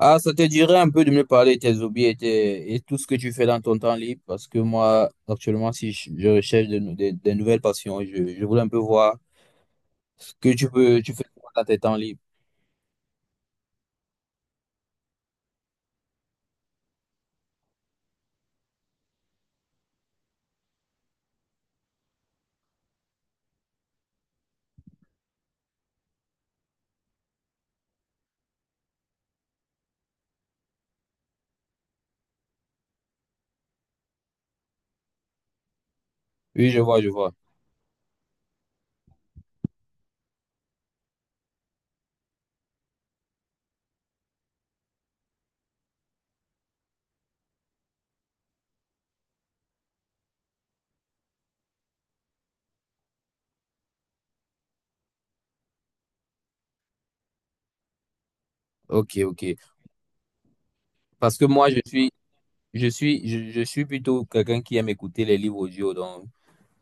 Ah, ça te dirait un peu de me parler de tes hobbies et tout ce que tu fais dans ton temps libre, parce que moi, actuellement, si je, je recherche de, nou- des nouvelles passions, je voulais un peu voir ce que tu fais dans tes temps libres. Oui, je vois, je vois. Ok, ok. Parce que moi, je suis, je suis, je suis plutôt quelqu'un qui aime écouter les livres audio, donc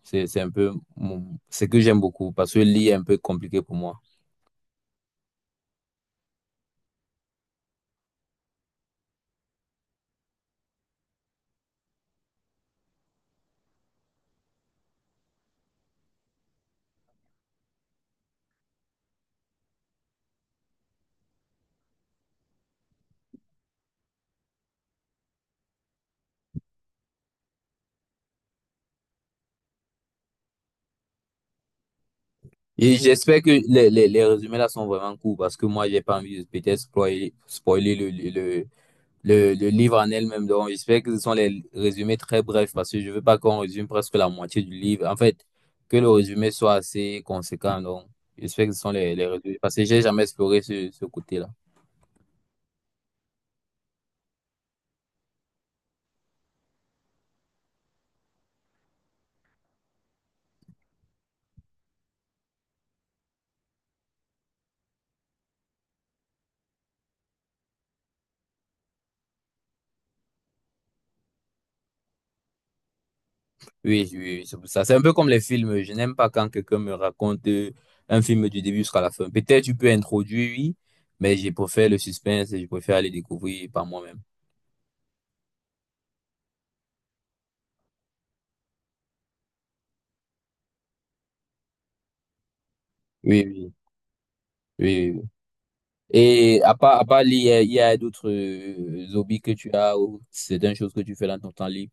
c'est un peu ce que j'aime beaucoup, parce que lire est un peu compliqué pour moi. Et j'espère que les résumés là sont vraiment courts, parce que moi, j'ai pas envie de peut-être spoiler le livre en elle-même, donc j'espère que ce sont les résumés très brefs parce que je veux pas qu'on résume presque la moitié du livre. En fait, que le résumé soit assez conséquent, donc j'espère que ce sont les résumés parce que j'ai jamais exploré ce côté-là. Oui, oui, oui, c'est pour ça. C'est un peu comme les films. Je n'aime pas quand quelqu'un me raconte un film du début jusqu'à la fin. Peut-être tu peux introduire, oui, mais je préfère le suspense et je préfère aller découvrir par moi-même. Oui, oui, oui, oui, oui. Et à part lire, il y a d'autres hobbies que tu as ou c'est une chose que tu fais dans ton temps libre?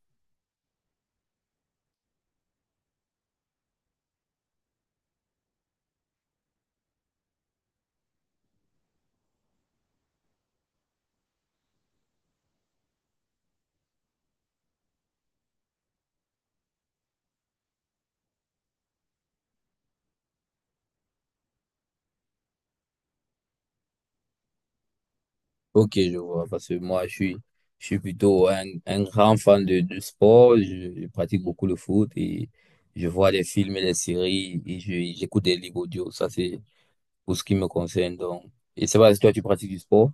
Ok, je vois, parce que je suis plutôt un grand fan de sport. Je pratique beaucoup le foot et je vois des films et des séries et j'écoute des livres audio. Ça, c'est pour ce qui me concerne. Donc, et c'est pas si toi, tu pratiques du sport?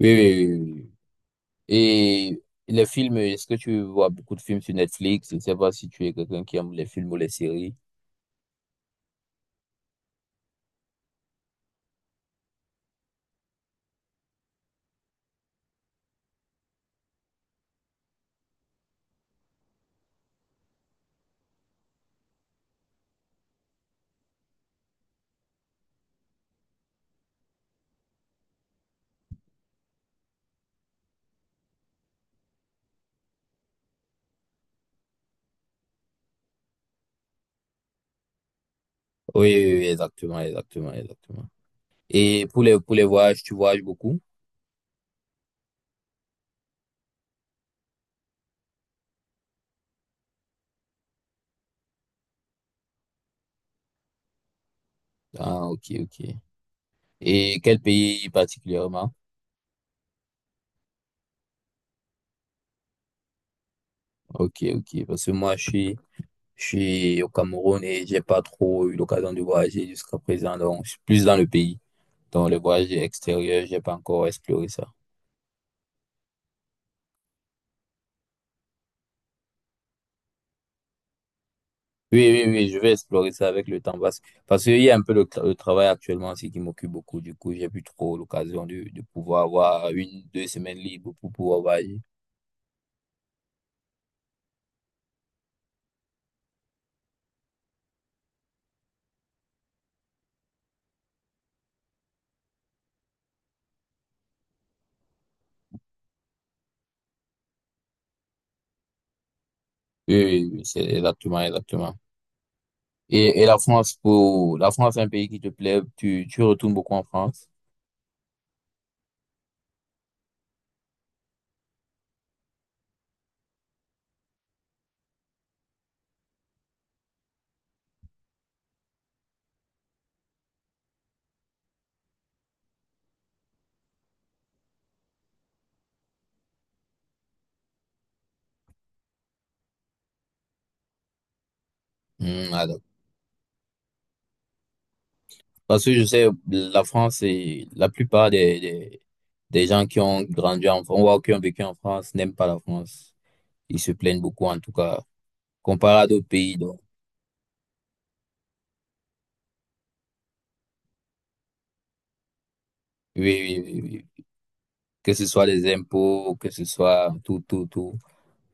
Oui, oui, oui, oui, oui. Et les films, est-ce que tu vois beaucoup de films sur Netflix? Je ne sais pas si tu es quelqu'un qui aime les films ou les séries. Oui, oui, oui, exactement, exactement, exactement. Et pour pour les voyages, tu voyages beaucoup? Ah, ok, ok. Et quel pays particulièrement? Ok, ok. Parce que je suis au Cameroun et j'ai pas trop eu l'occasion de voyager jusqu'à présent. Donc, je suis plus dans le pays. Donc, les voyages extérieurs, j'ai pas encore exploré ça. Oui, oui, oui, je vais explorer ça avec le temps parce qu'il y a un peu le travail actuellement aussi qui m'occupe beaucoup. Du coup, j'ai plus trop l'occasion de pouvoir avoir une, deux semaines libres pour pouvoir voyager. Oui, oui, oui, c'est exactement, exactement. Et la France, la France est un pays qui te plaît. Tu retournes beaucoup en France? Hmm, ah, d'accord. Parce que je sais, la France, c'est la plupart des gens qui ont grandi en France, ou qui ont vécu en France, n'aiment pas la France. Ils se plaignent beaucoup, en tout cas, comparé à d'autres pays. Donc, oui, oui, oui, oui, que ce soit les impôts, que ce soit tout, tout, tout.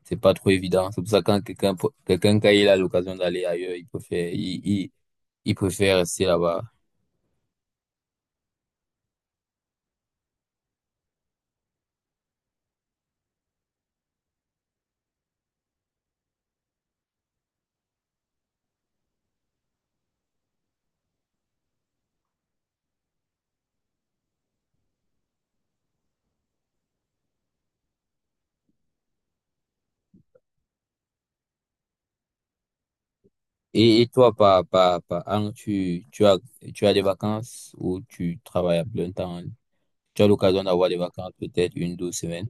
C'est pas trop évident. C'est pour ça que quelqu'un, quand il a l'occasion d'aller ailleurs, il préfère rester là-bas. Et toi, par an, tu as des vacances ou tu travailles à plein temps? Tu as l'occasion d'avoir des vacances, peut-être une, deux semaines.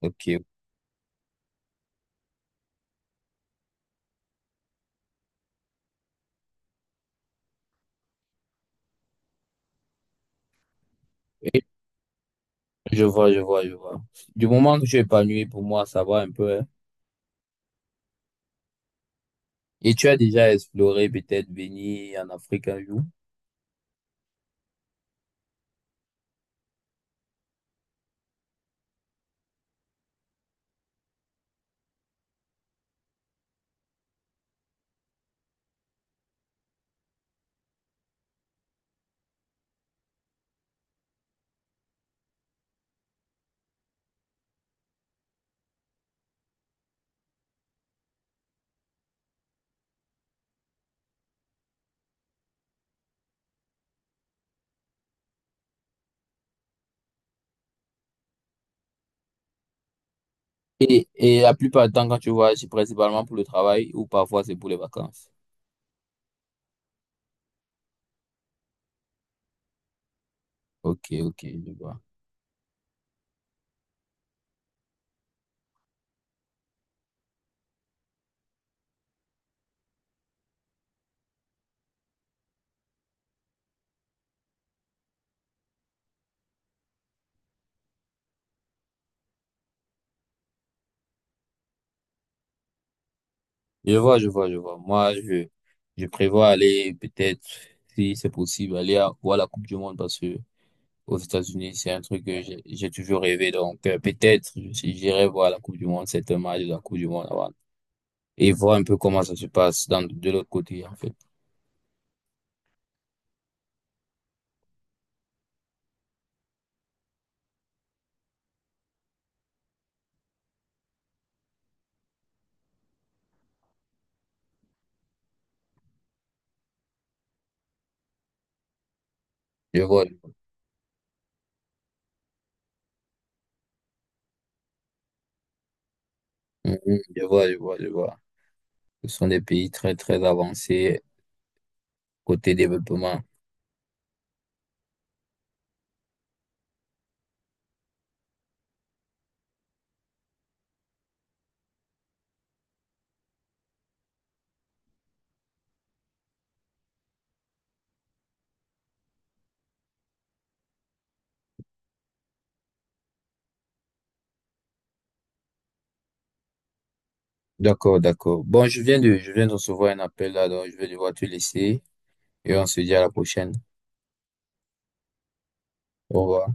Ok. Et je vois, je vois, je vois. Du moment que tu es épanoui, pour moi, ça va un peu, hein. Et tu as déjà exploré peut-être venir en Afrique un jour? Et la plupart du temps, quand tu voyages, c'est principalement pour le travail ou parfois c'est pour les vacances. Ok, ok, je vois. Je vois, je vois, je vois. Je prévois aller peut-être, si c'est possible, voir la Coupe du Monde parce que aux États-Unis, c'est un truc que j'ai toujours rêvé. Donc, peut-être, j'irai voir la Coupe du Monde, c'est un match de la Coupe du Monde avant, et voir un peu comment ça se passe dans, de l'autre côté, en fait. Je vois, je vois. Mhm, je vois, je vois, je vois. Ce sont des pays très, très avancés côté développement. D'accord, d'accord. Bon, je viens de recevoir un appel là, donc je vais devoir te laisser et on se dit à la prochaine. Au revoir.